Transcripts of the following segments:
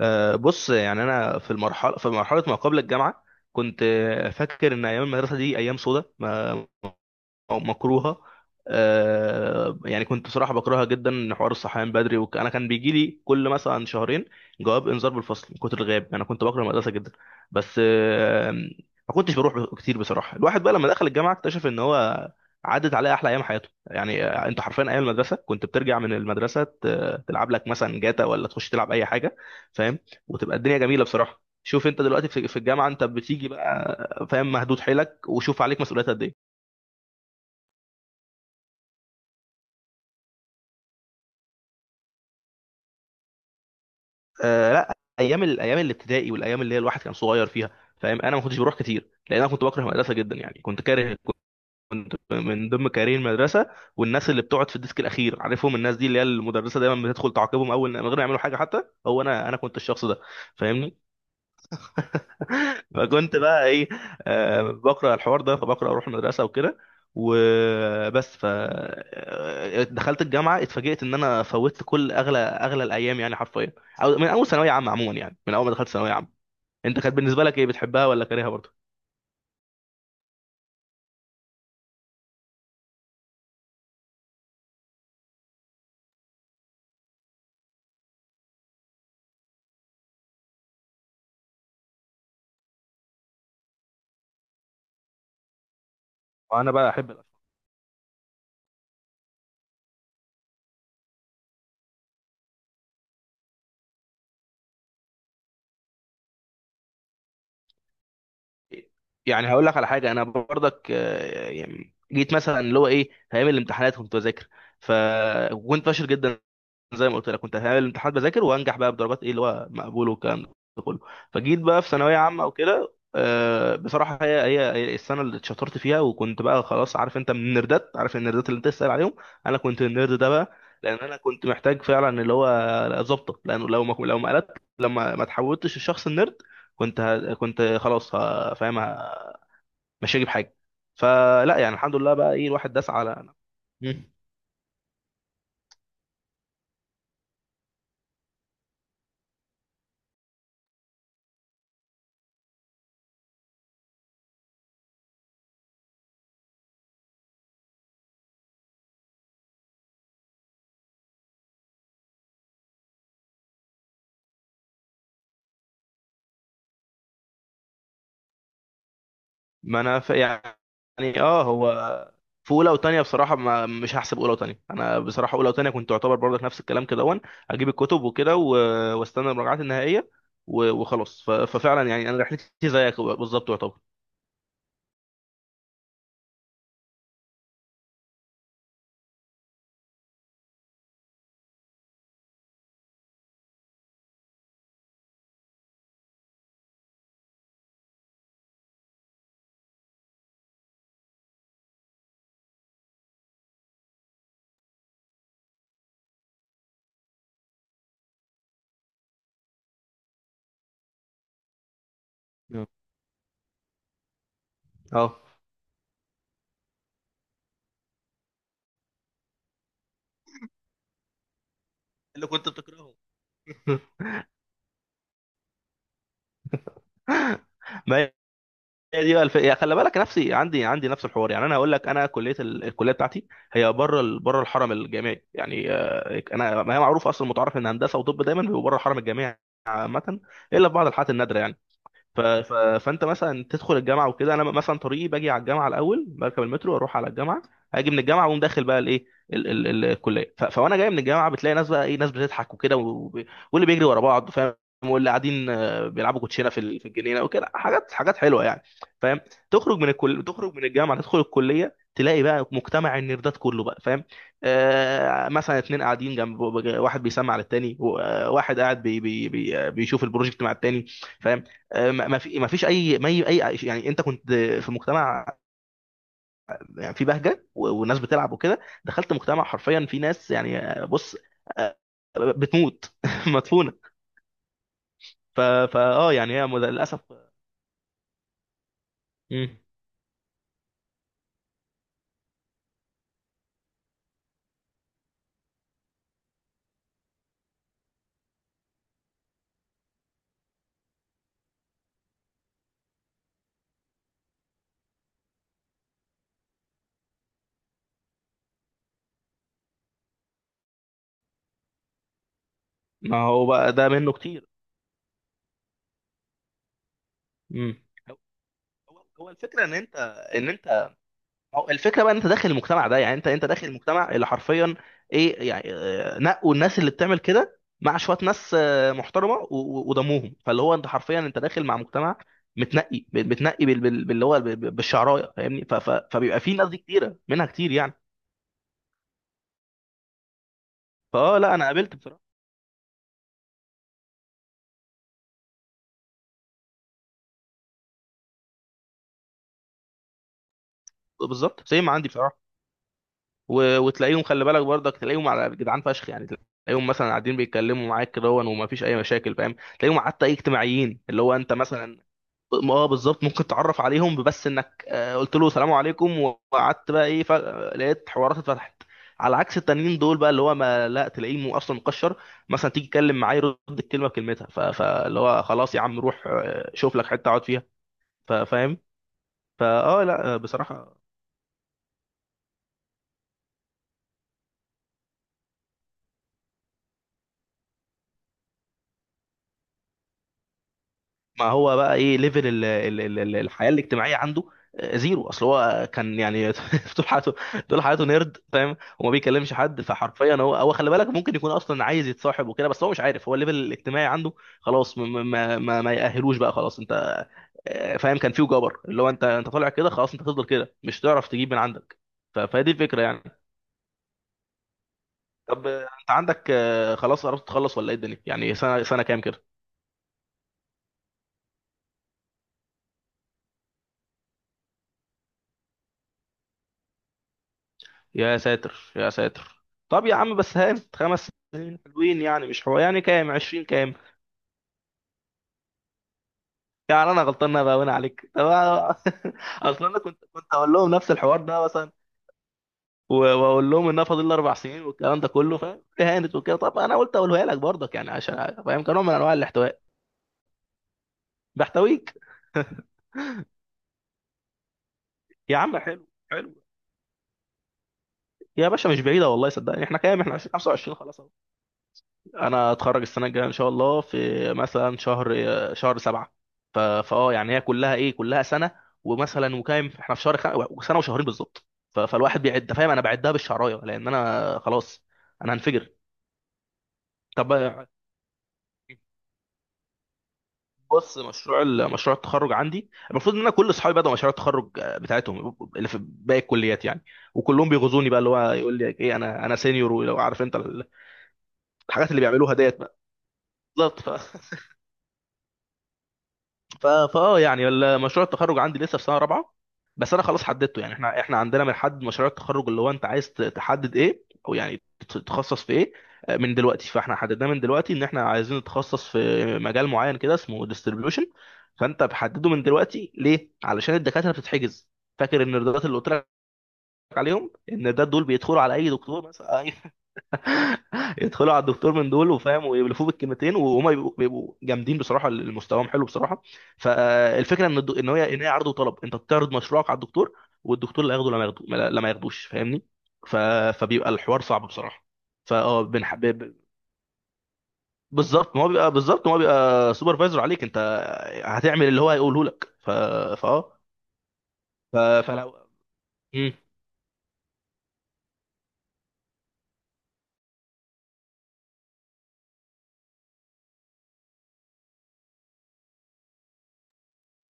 بص يعني انا في مرحله ما قبل الجامعه. كنت فاكر ان ايام المدرسه دي ايام سودة ما او مكروهه. يعني كنت بصراحه بكرهها جدا، ان حوار الصحيان بدري انا كان بيجي لي كل مثلا شهرين جواب انذار بالفصل من كتر الغياب. انا كنت بكره المدرسه جدا، بس ما كنتش بروح كتير بصراحه. الواحد بقى لما دخل الجامعه اكتشف ان هو عدت عليه احلى ايام حياته، يعني انت حرفيا ايام المدرسه كنت بترجع من المدرسه تلعب لك مثلا جاتا ولا تخش تلعب اي حاجه، فاهم، وتبقى الدنيا جميله بصراحه. شوف انت دلوقتي في الجامعه انت بتيجي بقى فاهم، مهدود حيلك، وشوف عليك مسؤوليات قد ايه. لا، ايام الابتدائي والايام اللي هي الواحد كان صغير فيها، فاهم. انا ما كنتش بروح كتير لان انا كنت بكره المدرسه جدا، يعني كنت كاره، كنت من ضمن كارهين المدرسه. والناس اللي بتقعد في الديسك الاخير عارفهم، الناس دي اللي هي المدرسه دايما بتدخل تعاقبهم اول من غير ما يعملوا حاجه، حتى هو انا كنت الشخص ده. فاهمني. فكنت بقى ايه، بقرا الحوار ده فبقرا اروح المدرسه وكده وبس. ف آه، دخلت الجامعه اتفاجئت ان انا فوتت كل اغلى الايام يعني حرفيا، أو من اول ثانويه عامه. عموما يعني من اول ما دخلت ثانويه عامه، انت كانت بالنسبه لك ايه، بتحبها ولا كارهها برضه؟ وانا بقى احب الأشياء. يعني هقول لك على حاجه، انا برضك يعني جيت مثلا اللي هو ايه، في ايام الامتحانات كنت بذاكر، فكنت فاشل جدا. زي ما قلت لك، كنت في ايام الامتحانات بذاكر وانجح بقى بدرجات ايه، اللي هو مقبول والكلام ده. فجيت بقى في ثانويه عامه وكده، بصراحه هي السنه اللي اتشطرت فيها، وكنت بقى خلاص. عارف انت من النردات، عارف النردات اللي انت تسال عليهم؟ انا كنت النرد ده بقى، لان انا كنت محتاج فعلا اللي هو ظبطه، لانه لو ما قلت، لما ما تحولتش الشخص النرد، كنت خلاص فاهم مش هجيب حاجه. فلا، يعني الحمد لله بقى ايه، الواحد داس على. ما انا ف... يعني هو في اولى وتانية بصراحه ما مش هحسب اولى وتانية. انا بصراحه اولى وتانية كنت اعتبر برضك نفس الكلام كده، وان اجيب الكتب وكده واستنى المراجعات النهائيه وخلاص. ففعلا يعني انا رحلتي زيك بالظبط يعتبر. آه. اه اللي كنت بتكرهه. ما هي دي بقى يعني خلي بالك، نفسي عندي نفس الحوار. يعني انا هقول لك انا كليه الكليه بتاعتي هي بره بره الحرم الجامعي، يعني انا ما هي معروف اصلا، متعارف ان هندسه وطب دايما بيبقوا بره الحرم الجامعي عامة إلا في بعض الحالات النادرة يعني. فانت مثلا تدخل الجامعه وكده. انا مثلا طريقي باجي على الجامعه الاول، بركب المترو واروح على الجامعه، اجي من الجامعه واقوم داخل بقى الايه، الكليه. فوانا جاي من الجامعه بتلاقي ناس بقى ايه، ناس بتضحك وكده واللي بيجري ورا بعض فاهم، واللي قاعدين بيلعبوا كوتشينه في في الجنينه وكده، حاجات حاجات حلوه يعني. فاهم. تخرج من الجامعه، تدخل الكليه، تلاقي بقى مجتمع النيردات كله بقى، فاهم. مثلا اتنين قاعدين جنب واحد بيسمع للتاني واحد قاعد بي بي بي آه، بيشوف البروجكت مع التاني، فاهم. آه، ما ما في ما فيش اي ما اي أي- يعني انت كنت في مجتمع، يعني في بهجه والناس بتلعب وكده. دخلت مجتمع حرفيا في ناس، يعني بص، آه، بتموت مدفونه. ف فا اه يعني للاسف. مم. ما هو بقى ده منه كتير. مم. هو هو الفكره ان انت ان انت هو الفكره بقى إن انت داخل المجتمع ده، يعني انت داخل المجتمع اللي حرفيا ايه، يعني نقوا الناس اللي بتعمل كده مع شويه ناس محترمه ودموهم، فاللي هو انت حرفيا انت داخل مع مجتمع متنقي بتنقي باللي هو بالشعرايه، فاهمني. فبيبقى في ناس دي كتيره منها كتير يعني. لا، انا قابلت بصراحه، بالظبط سيم عندي بصراحه. وتلاقيهم خلي بالك برضك، تلاقيهم على جدعان فشخ يعني، تلاقيهم مثلا قاعدين بيتكلموا معاك كده ومفيش اي مشاكل، فاهم، تلاقيهم حتى ايه، اجتماعيين، اللي هو انت مثلا اه بالظبط ممكن تتعرف عليهم، بس انك قلت له سلام عليكم وقعدت بقى ايه، فجأة لقيت حوارات اتفتحت. على عكس التانيين دول بقى اللي هو ما لا تلاقيه اصلا مكشر. مثلا تيجي تتكلم معاه يرد الكلمه بكلمتها، فاللي هو خلاص، يا عم روح شوف لك حته اقعد فيها. فاهم. لا، بصراحه ما هو بقى ايه ليفل الحياه الاجتماعيه عنده؟ زيرو. اصل هو كان يعني طول حياته طول حياته نيرد فاهم، وما بيكلمش حد. فحرفيا هو خلي بالك ممكن يكون اصلا عايز يتصاحب وكده، بس هو مش عارف. هو الليفل الاجتماعي عنده خلاص ما يأهلوش بقى خلاص انت، فاهم. كان فيه جبر اللي هو انت طالع كده خلاص، انت هتفضل كده مش تعرف تجيب من عندك. فهي دي الفكره يعني. طب انت عندك خلاص قربت تخلص ولا ايه الدنيا، يعني سنه كام كده؟ يا ساتر يا ساتر. طب يا عم بس هانت خمس حلوين، يعني مش حلوين يعني، كام، 20 كام؟ يعني انا غلطان، انا باين عليك، طب اصل انا كنت اقول لهم نفس الحوار ده مثلا، واقول لهم انها فاضل لي اربع سنين والكلام ده كله، فاهم، اهانت وكده. طب انا قلت اقولها لك برضك، يعني عشان فاهم، كنوع من انواع الاحتواء، بحتويك. يا عم حلو حلو. يا باشا مش بعيده، والله صدقني، احنا كام، احنا 20 25 خلاص. انا اتخرج السنه الجايه ان شاء الله في مثلا شهر سبعة. ف- فاه يعني هي كلها ايه، كلها سنه. ومثلا وكام احنا، في شهر سنه وشهرين بالظبط. فالواحد بيعد فاهم، انا بعدها بالشعرايه لان انا خلاص، انا هنفجر. طب بص، مشروع مشروع التخرج عندي المفروض ان انا كل اصحابي بدأوا مشاريع التخرج بتاعتهم اللي في باقي الكليات يعني. وكلهم بيغزوني بقى اللي هو يقول لي ايه، انا سينيور ولو، عارف انت الحاجات اللي بيعملوها ديت بقى. بالظبط. ف- فاه يعني مشروع التخرج عندي لسه في سنه رابعه. بس انا خلاص حددته، يعني احنا عندنا بنحدد مشاريع التخرج اللي هو انت عايز تحدد ايه او يعني تتخصص في ايه من دلوقتي. فاحنا حددناه من دلوقتي ان احنا عايزين نتخصص في مجال معين كده اسمه ديستريبيوشن. فانت بحدده من دلوقتي ليه، علشان الدكاتره بتتحجز. فاكر النردات اللي قلت لك عليهم؟ النردات دول بيدخلوا على اي دكتور مثلا، يدخلوا على الدكتور من دول وفاهم ويبلفوه بالكلمتين، وهما بيبقوا جامدين بصراحه، مستواهم حلو بصراحه. فالفكره ان ان هي عرض وطلب، انت بتعرض مشروعك على الدكتور، والدكتور لا ياخده لما ياخده، لا ما ياخدوش، فاهمني. ف... فبيبقى الحوار صعب بصراحه. فاه بنح... ب... ب- بالظبط ما هو بيبقى سوبرفايزر عليك انت، هتعمل اللي هو هيقوله لك. فاه ف... فلو.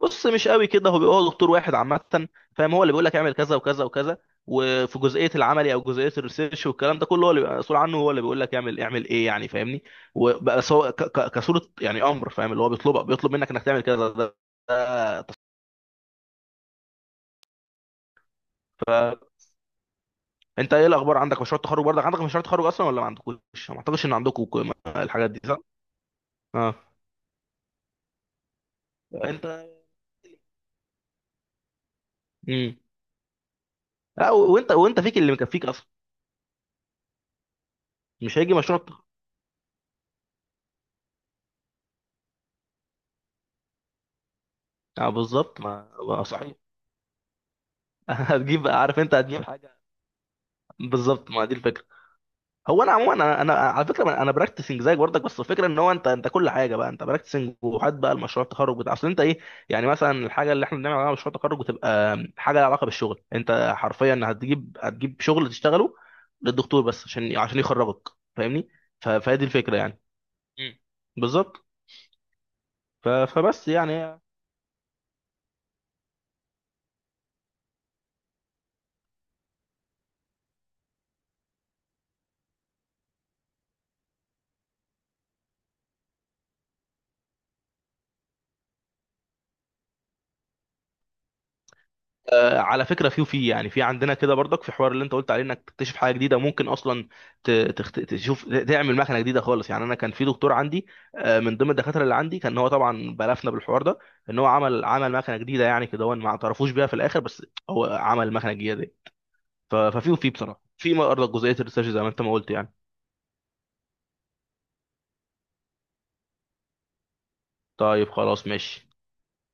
بص مش قوي كده، هو بيبقى هو دكتور واحد عامه، فاهم. هو اللي بيقول لك اعمل كذا وكذا وكذا، وفي جزئيه العملي او جزئيه الريسيرش والكلام ده كله هو اللي بيبقى مسؤول عنه. هو اللي بيقول لك اعمل ايه يعني، فاهمني. بس هو كصوره، يعني امر فاهم، اللي هو بيطلبك، بيطلب منك انك تعمل كذا ده. ده تص- انت ايه الاخبار، عندك مشروع التخرج برضك، عندك مشروع تخرج اصلا ولا ما عندكوش؟ ما اعتقدش ان عندكم الحاجات دي صح. اه. انت. امم لا، وانت فيك اللي مكفيك اصلا. مش هيجي مشروع التخرج. اه بالظبط، ما صحيح. هتجيب بقى، عارف انت هتجيب حاجه. بالظبط، ما دي الفكره. هو انا عموما أنا على فكره، أنا براكتسنج زيك برضك. بس الفكره ان هو انت كل حاجه بقى، انت براكتسنج، وحد بقى المشروع التخرج بتاع اصل انت ايه. يعني مثلا الحاجه اللي احنا بنعمل عليها مشروع تخرج بتبقى حاجه لها علاقه بالشغل، انت حرفيا هتجيب شغل تشتغله للدكتور بس عشان يخرجك، فاهمني. فهي دي الفكره يعني. مم. بالظبط. فبس يعني. على فكره في يعني في عندنا كده برضك في حوار اللي انت قلت عليه انك تكتشف حاجه جديده ممكن اصلا تشوف تعمل مكنه جديده خالص يعني. انا كان في دكتور عندي من ضمن الدكاتره اللي عندي، كان هو طبعا بلفنا بالحوار ده ان هو عمل مكنه جديده. يعني كده هو ما اعترفوش بيها في الاخر، بس هو عمل المكنه الجديده دي. ف- ففي وفي بصراحه في برضك جزئيه الريسيرش زي ما انت ما قلت يعني. طيب خلاص ماشي.